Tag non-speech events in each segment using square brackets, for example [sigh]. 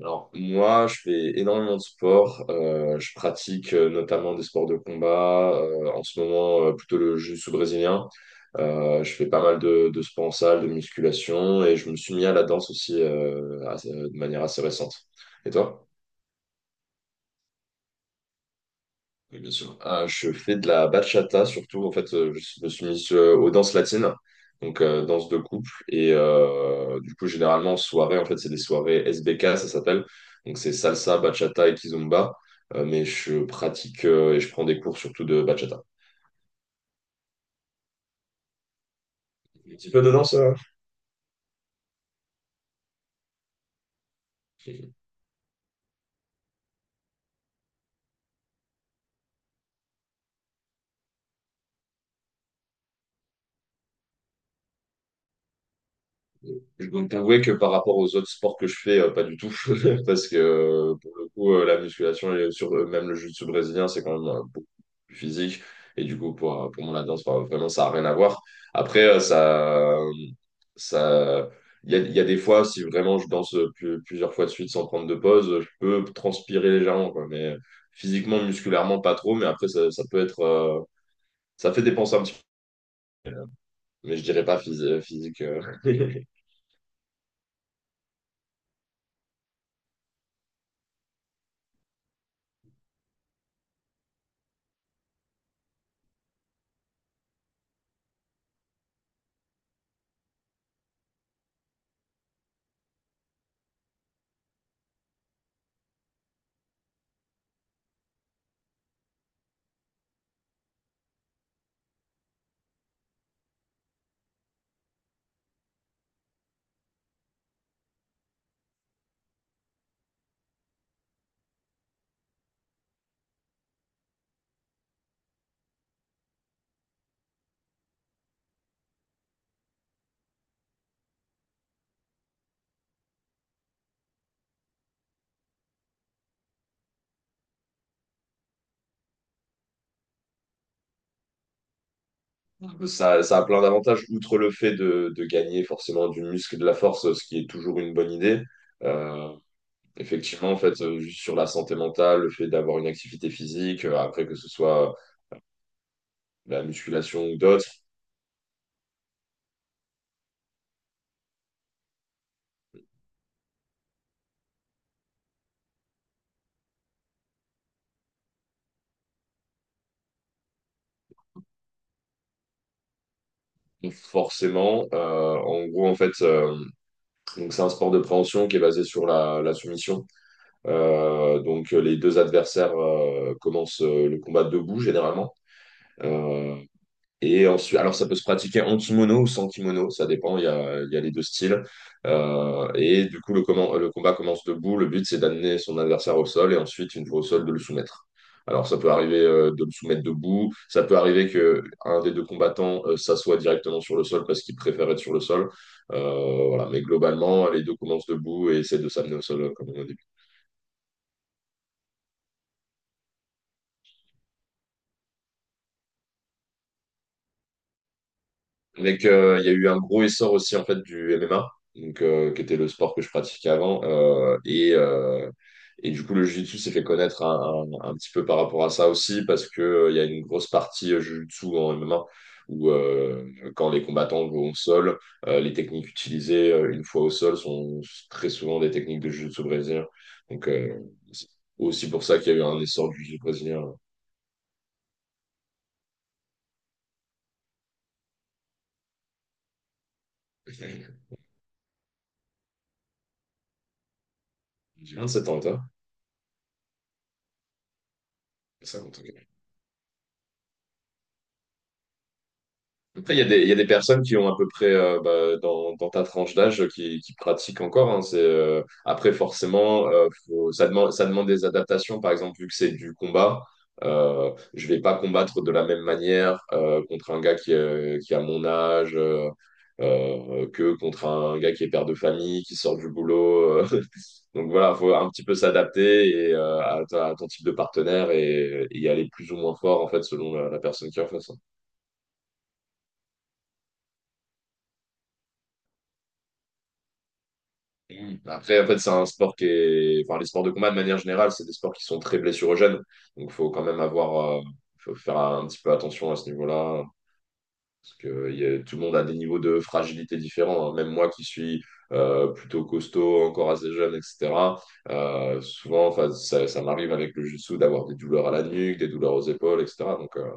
Alors, moi, je fais énormément de sport. Je pratique notamment des sports de combat. En ce moment, plutôt le jiu-jitsu brésilien. Je fais pas mal de sport en salle, de musculation. Et je me suis mis à la danse aussi de manière assez récente. Et toi? Oui, bien sûr. Ah, je fais de la bachata surtout. En fait, je me suis mis aux danses latines, donc danse de couple. Et du coup, généralement, en soirée, en fait, c'est des soirées S B K ça s'appelle. Donc, c'est salsa, bachata et kizomba. Mais je pratique et je prends des cours surtout de bachata. Un petit peu de danse. Je dois t'avouer que par rapport aux autres sports que je fais, pas du tout. [laughs] Parce que pour le coup, la musculation et sur, même le jiu-jitsu brésilien, c'est quand même beaucoup plus physique. Et du coup, pour moi, la danse, bah, vraiment, ça n'a rien à voir. Après, ça, il y a des fois, si vraiment je danse plusieurs fois de suite sans prendre de pause, je peux transpirer légèrement, quoi. Mais physiquement, musculairement, pas trop. Mais après, ça peut être, ça fait dépenser un petit peu. Mais je dirais pas physique. [laughs] Ça a plein d'avantages, outre le fait de gagner forcément du muscle et de la force, ce qui est toujours une bonne idée. Euh, Effectivement, en fait, juste sur la santé mentale, le fait d'avoir une activité physique, après que ce soit la musculation ou d'autres, forcément, en gros, en fait, donc c'est un sport de préhension qui est basé sur la, la soumission. Donc les deux adversaires commencent le combat debout généralement. Euh, Et ensuite, alors ça peut se pratiquer en kimono ou sans kimono, ça dépend, il y a les deux styles. Et du coup, le, le combat commence debout, le but c'est d'amener son adversaire au sol et ensuite, une fois au sol, de le soumettre. Alors ça peut arriver de le soumettre debout, ça peut arriver que un des deux combattants s'assoie directement sur le sol parce qu'il préfère être sur le sol. Voilà. Mais globalement, les deux commencent debout et essaient de s'amener au sol, comme on a dit. Avec, il y a eu un gros essor aussi en fait du MMA, donc, qui était le sport que je pratiquais avant. Et du coup, le jiu-jitsu s'est fait connaître un, un petit peu par rapport à ça aussi, parce que, il y a une grosse partie jiu-jitsu en MMA où quand les combattants vont au sol, les techniques utilisées une fois au sol sont très souvent des techniques de jiu-jitsu brésilien. Donc, c'est aussi pour ça qu'il y a eu un essor du jiu-jitsu brésilien. J'ai 27 ans, et toi? 50, ok. Après, il y a des, il y a des personnes qui ont à peu près bah, dans, dans ta tranche d'âge qui pratiquent encore. Hein. C'est, après, forcément, ça demande des adaptations. Par exemple, vu que c'est du combat, je vais pas combattre de la même manière contre un gars qui a mon âge que contre un gars qui est père de famille, qui sort du boulot. [laughs] Donc voilà, faut un petit peu s'adapter et, à, à ton type de partenaire et y aller plus ou moins fort en fait selon la, la personne qui est en face. Hein. Oui. Après, en fait, c'est un sport qui est… Enfin, les sports de combat, de manière générale, c'est des sports qui sont très blessurogènes. Donc, il faut quand même avoir… faut faire un petit peu attention à ce niveau-là. Parce que il y a- tout le monde a des niveaux de fragilité différents. Hein. Même moi qui suis plutôt costaud, encore assez jeune, etc. Souvent, enfin, ça m'arrive avec le jiu-jitsu d'avoir des douleurs à la nuque, des douleurs aux épaules, etc. Donc, euh,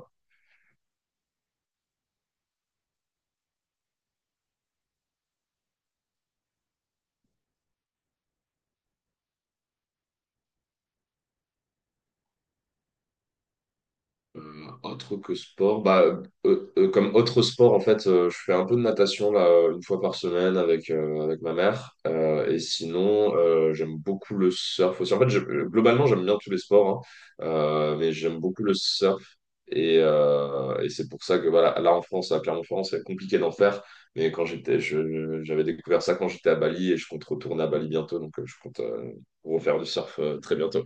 Euh, Autre que sport, bah, comme autre sport, en fait, je fais un peu de natation là, une fois par semaine avec, avec ma mère. Et sinon, j'aime beaucoup le surf aussi. En fait, globalement, j'aime bien tous les sports, hein, mais j'aime beaucoup le surf. Et c'est pour ça que voilà, là en France, à Clermont-Ferrand, c'est compliqué d'en faire. Mais quand j'étais, j'avais découvert ça quand j'étais à Bali et je compte retourner à Bali bientôt. Donc, je compte refaire du surf très bientôt.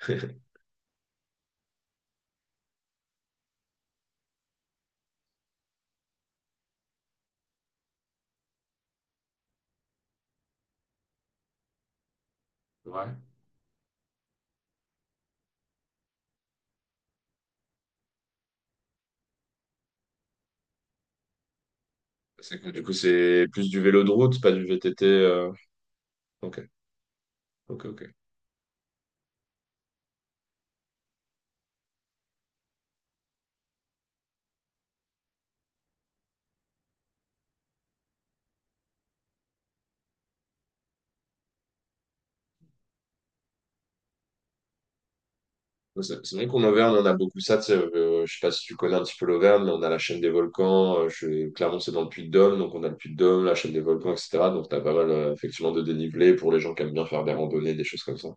[laughs] Ouais. C'est que du coup, c'est plus du vélo de route, pas du VTT. Ok, ok, ok. Ouais, c'est vrai qu'en Auvergne, on a beaucoup ça. Tu sais, je sais pas si tu connais un petit peu l'Auvergne, mais on a la chaîne des volcans. Clermont, c'est dans le Puy-de-Dôme, donc on a le Puy-de-Dôme, la chaîne des volcans, etc. Donc, tu as pas mal, effectivement, de dénivelé pour les gens qui aiment bien faire des randonnées, des choses comme ça.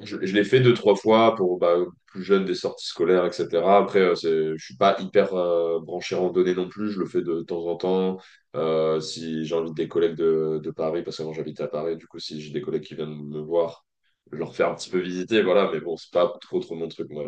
Je l'ai fait deux, trois fois pour bah, plus jeune des sorties scolaires, etc. Après, je suis pas hyper branché randonnée non plus. Je le fais de temps en temps. Si j'invite des collègues de Paris, parce que moi j'habite à Paris, du coup, si j'ai des collègues qui viennent me voir, je leur fais un petit peu visiter, voilà. Mais bon, c'est pas trop trop mon truc, moi.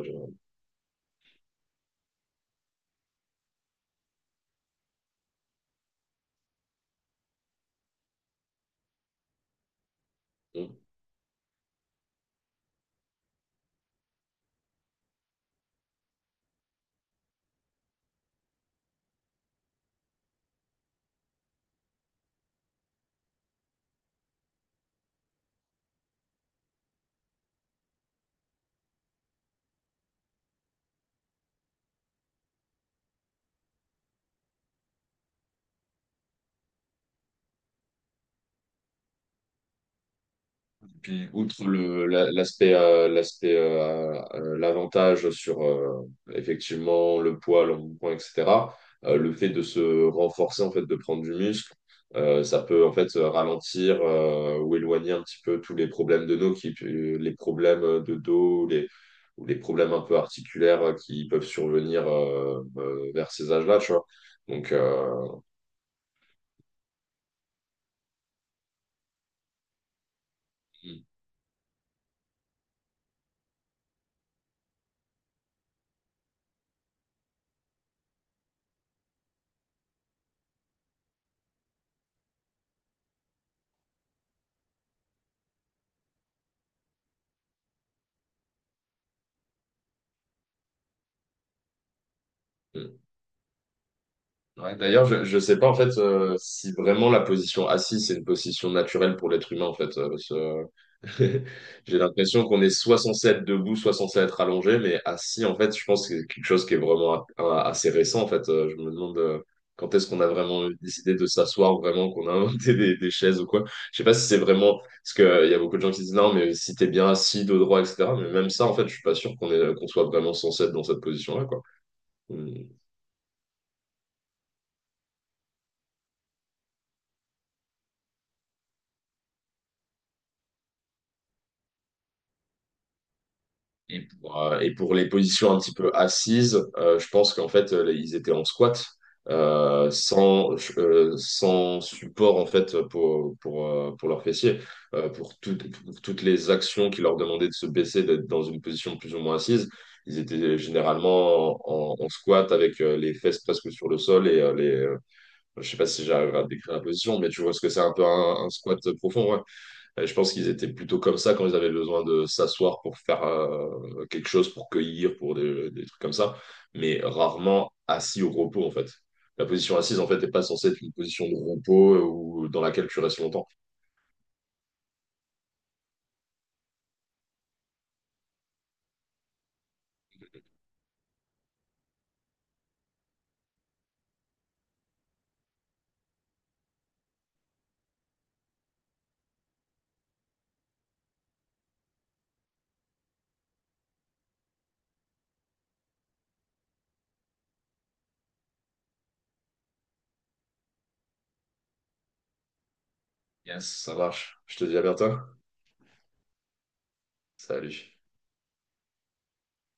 Puis, outre le, l'aspect, l'aspect, l'avantage sur effectivement le poids, le mouvement, etc., le fait de se renforcer, en fait, de prendre du muscle, ça peut en fait ralentir ou éloigner un petit peu tous les problèmes de dos, qui, les problèmes de dos, les, ou les problèmes un peu articulaires qui peuvent survenir vers ces âges-là, tu vois. Donc, hmm, hmm. Ouais, d'ailleurs, je sais pas en fait si vraiment la position assise c'est une position naturelle pour l'être humain en fait. [laughs] J'ai l'impression qu'on est soit censé être debout, soit censé être allongé, mais assis en fait, je pense que c'est quelque chose qui est vraiment assez récent en fait. Je me demande quand est-ce qu'on a vraiment décidé de s'asseoir vraiment, qu'on a [laughs] inventé des chaises ou quoi. Je sais pas si c'est vraiment parce que il y a beaucoup de gens qui disent non, mais si t'es bien assis, dos droit, etc. Mais même ça en fait, je suis pas sûr qu'on est qu'on soit vraiment censé être dans cette position-là quoi. Hmm. Et pour les positions un petit peu assises, je pense qu'en fait, ils étaient en squat euh, sans, sans support en fait pour leurs fessiers. Pour, toutes pour toutes les actions qui leur demandaient de se baisser, d'être dans une position plus ou moins assise. Ils étaient généralement en, en squat avec les fesses presque sur le sol et je sais pas si j'arrive à décrire la position, mais tu vois ce que c'est un peu un squat profond, ouais. Et je pense qu'ils étaient plutôt comme ça quand ils avaient besoin de s'asseoir pour faire quelque chose, pour cueillir, pour des trucs comme ça, mais rarement assis au repos en fait. La position assise en fait n'est pas censée être une position de repos ou dans laquelle tu restes longtemps. Yes, ça marche. Je te dis à bientôt. Salut.